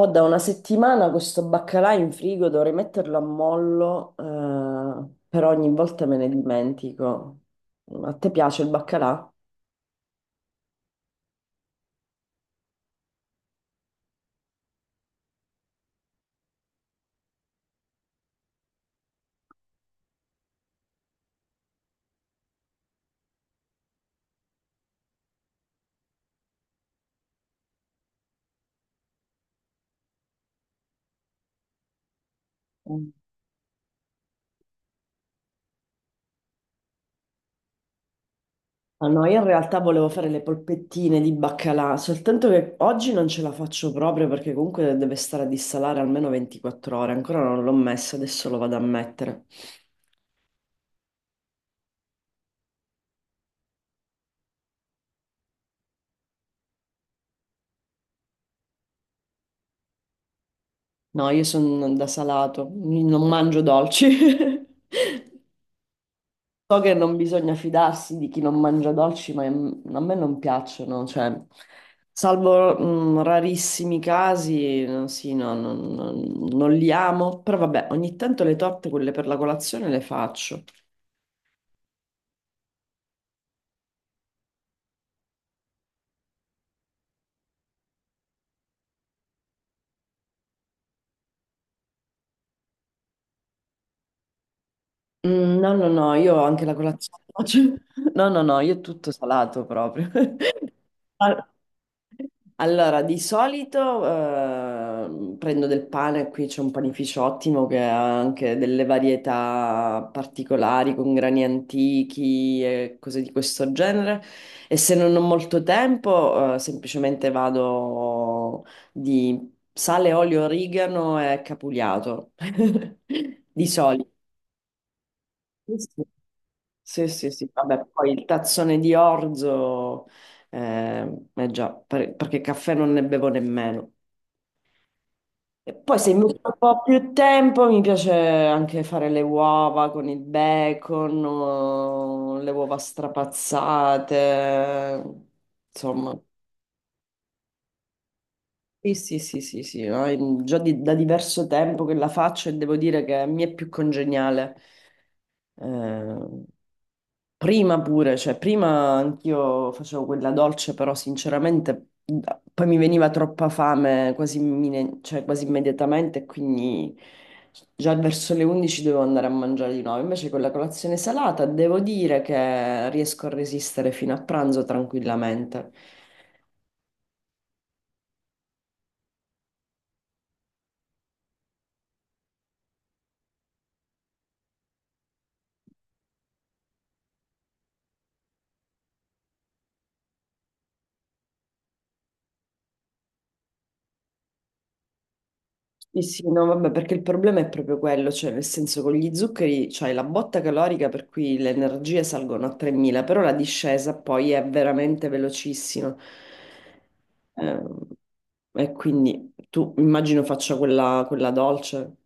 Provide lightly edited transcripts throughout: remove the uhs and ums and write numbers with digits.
Ho da una settimana questo baccalà in frigo, dovrei metterlo a mollo, però ogni volta me ne dimentico. A te piace il baccalà? Mm. Ah, no, io in realtà volevo fare le polpettine di baccalà, soltanto che oggi non ce la faccio proprio perché comunque deve stare a dissalare almeno 24 ore, ancora non l'ho messo, adesso lo vado a mettere. No, io sono da salato, non mangio dolci. So che non bisogna fidarsi di chi non mangia dolci, ma a me non piacciono, cioè, salvo rarissimi casi, sì, no, non li amo, però vabbè, ogni tanto le torte, quelle per la colazione, le faccio. Mm, no, no, no, io ho anche la colazione oggi. No, no, no, io tutto salato proprio. Al- Allora, di solito prendo del pane, qui c'è un panificio ottimo che ha anche delle varietà particolari con grani antichi e cose di questo genere. E se non ho molto tempo, semplicemente vado di sale, olio, origano e capugliato. Di solito. Sì. Sì, sì, sì, vabbè, poi il tazzone di orzo, eh, eh già, perché caffè non ne bevo nemmeno. E poi se mi metto un po' più tempo, mi piace anche fare le uova con il bacon, o le uova strapazzate, insomma. Sì, sì, sì, sì, sì, no? È già da diverso tempo che la faccio e devo dire che mi è più congeniale. Eh, prima pure, cioè prima anch'io facevo quella dolce, però sinceramente poi mi veniva troppa fame quasi, cioè, quasi immediatamente, e quindi già verso le 11 dovevo andare a mangiare di nuovo. Invece con la colazione salata devo dire che riesco a resistere fino a pranzo tranquillamente. Sì, sì, no, vabbè, perché il problema è proprio quello, cioè nel senso con gli zuccheri c'hai la botta calorica per cui le energie salgono a 3000, però la discesa poi è veramente velocissima. Ehm, e quindi tu immagino faccia quella, quella dolce.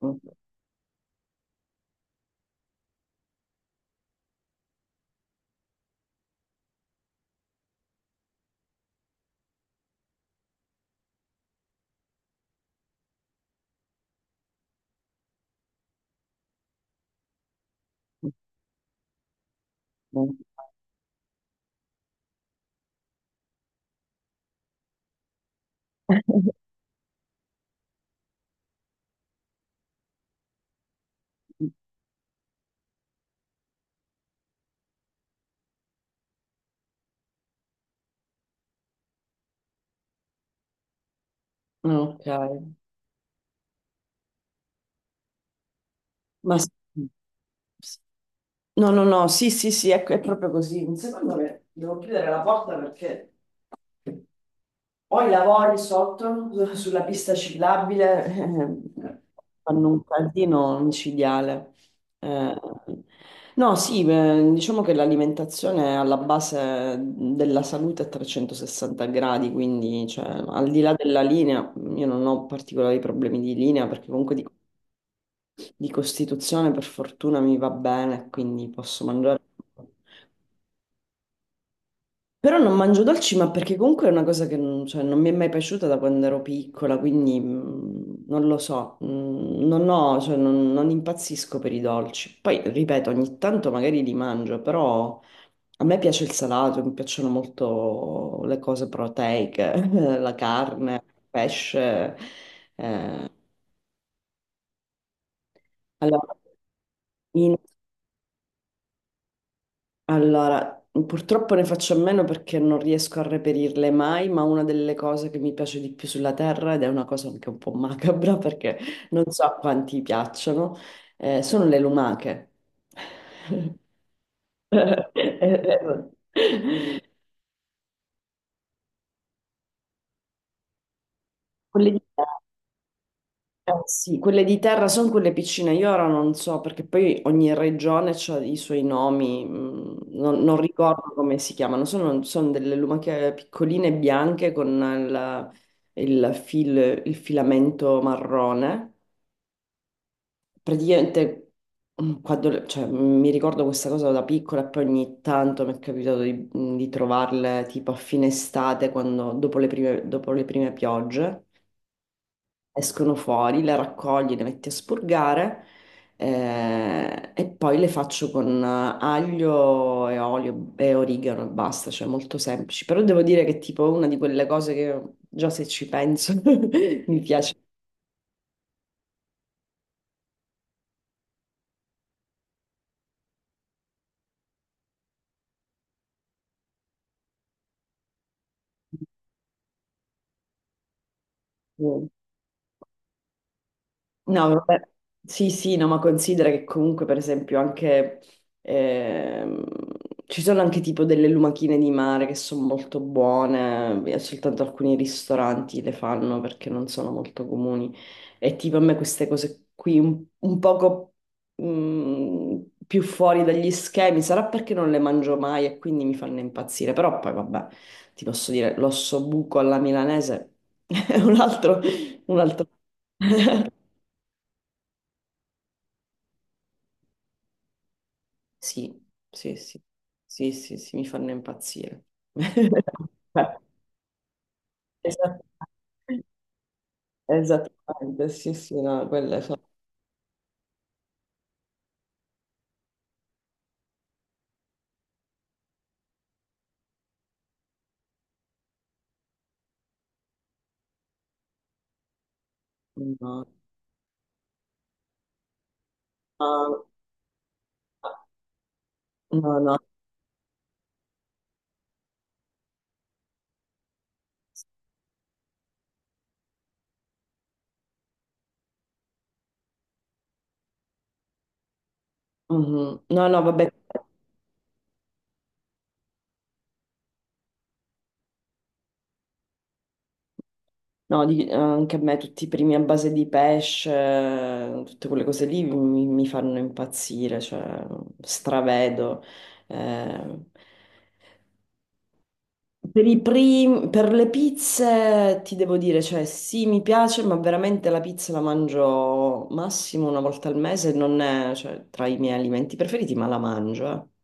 Ok, ma s- no, no, no, sì, sì, sì, ecco, è proprio così. Un secondo che devo chiudere la porta perché... Poi lavori sotto sulla pista ciclabile, fanno un caldino incidiale. Eh, no, sì, diciamo che l'alimentazione è alla base della salute a 360 gradi, quindi cioè, al di là della linea, io non ho particolari problemi di linea perché comunque di costituzione per fortuna mi va bene, quindi posso mangiare. Però non mangio dolci, ma perché comunque è una cosa che non, cioè, non mi è mai piaciuta da quando ero piccola, quindi non lo so, non ho, cioè, non impazzisco per i dolci. Poi, ripeto, ogni tanto magari li mangio, però a me piace il salato, mi piacciono molto le cose proteiche, la carne, il pesce, eh, alla mattina. Allora, purtroppo ne faccio a meno perché non riesco a reperirle mai, ma una delle cose che mi piace di più sulla Terra, ed è una cosa anche un po' macabra perché non so a quanti piacciono, sono le lumache. Quelle di eh, sì, quelle di terra sono quelle piccine, io ora non so perché poi ogni regione ha i suoi nomi, mm, non ricordo come si chiamano, sono delle lumache piccoline bianche con il, il filamento marrone. Praticamente cioè, mi ricordo questa cosa da piccola e poi ogni tanto mi è capitato di trovarle tipo a fine estate, dopo le prime piogge escono fuori, le raccogli, le metti a spurgare e poi le faccio con aglio e olio e origano e basta, cioè molto semplici. Però devo dire che è tipo una di quelle cose che già se ci penso mi piace. No, vabbè. Sì, sì, no, ma considera che comunque, per esempio, anche ehm, ci sono anche tipo delle lumachine di mare che sono molto buone, e soltanto alcuni ristoranti le fanno perché non sono molto comuni. E tipo a me queste cose qui un poco mm, più fuori dagli schemi, sarà perché non le mangio mai e quindi mi fanno impazzire, però poi vabbè, ti posso dire, l'osso buco alla milanese è un altro, un altro. Sì, sì, sì, sì, sì, sì, mi fanno impazzire. Esatto. Esattamente, sì, sì, no, quelle sono... No, no, no, no, mhm. No, no, vabbè, no, anche a me tutti i primi a base di pesce, tutte quelle cose lì mi fanno impazzire, cioè stravedo. Eh. Per i per le pizze ti devo dire, cioè sì, mi piace, ma veramente la pizza la mangio massimo una volta al mese, non è, cioè, tra i miei alimenti preferiti, ma la mangio. Eh.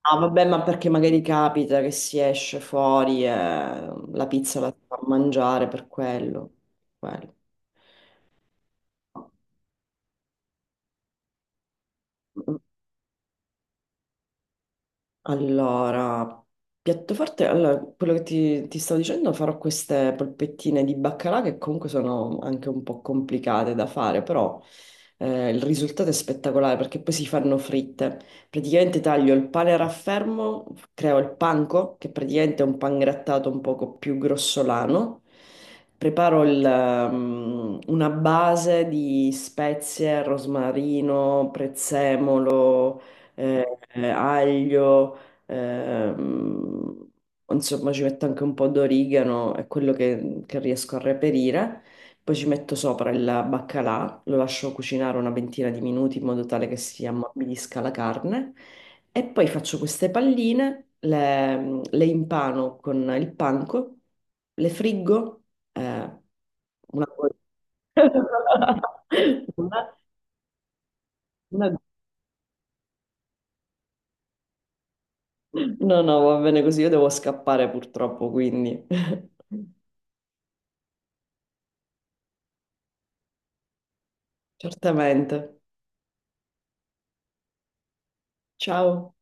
Ah, vabbè, ma perché magari capita che si esce fuori e la pizza la si fa mangiare per quello. Quello. Allora, piatto forte, allora, quello che ti stavo dicendo, farò queste polpettine di baccalà che comunque sono anche un po' complicate da fare, però il risultato è spettacolare perché poi si fanno fritte. Praticamente taglio il pane a raffermo, creo il panko, che praticamente è un pan grattato un poco più grossolano. Preparo una base di spezie, rosmarino, prezzemolo, aglio. Ehm, insomma, ci metto anche un po' d'origano, è quello che riesco a reperire. Poi ci metto sopra il baccalà, lo lascio cucinare una ventina di minuti in modo tale che si ammorbidisca la carne. E poi faccio queste palline, le impano con il panco, le friggo, eh, una... una- una- No, no, va bene così, io devo scappare purtroppo, quindi... Certamente. Ciao.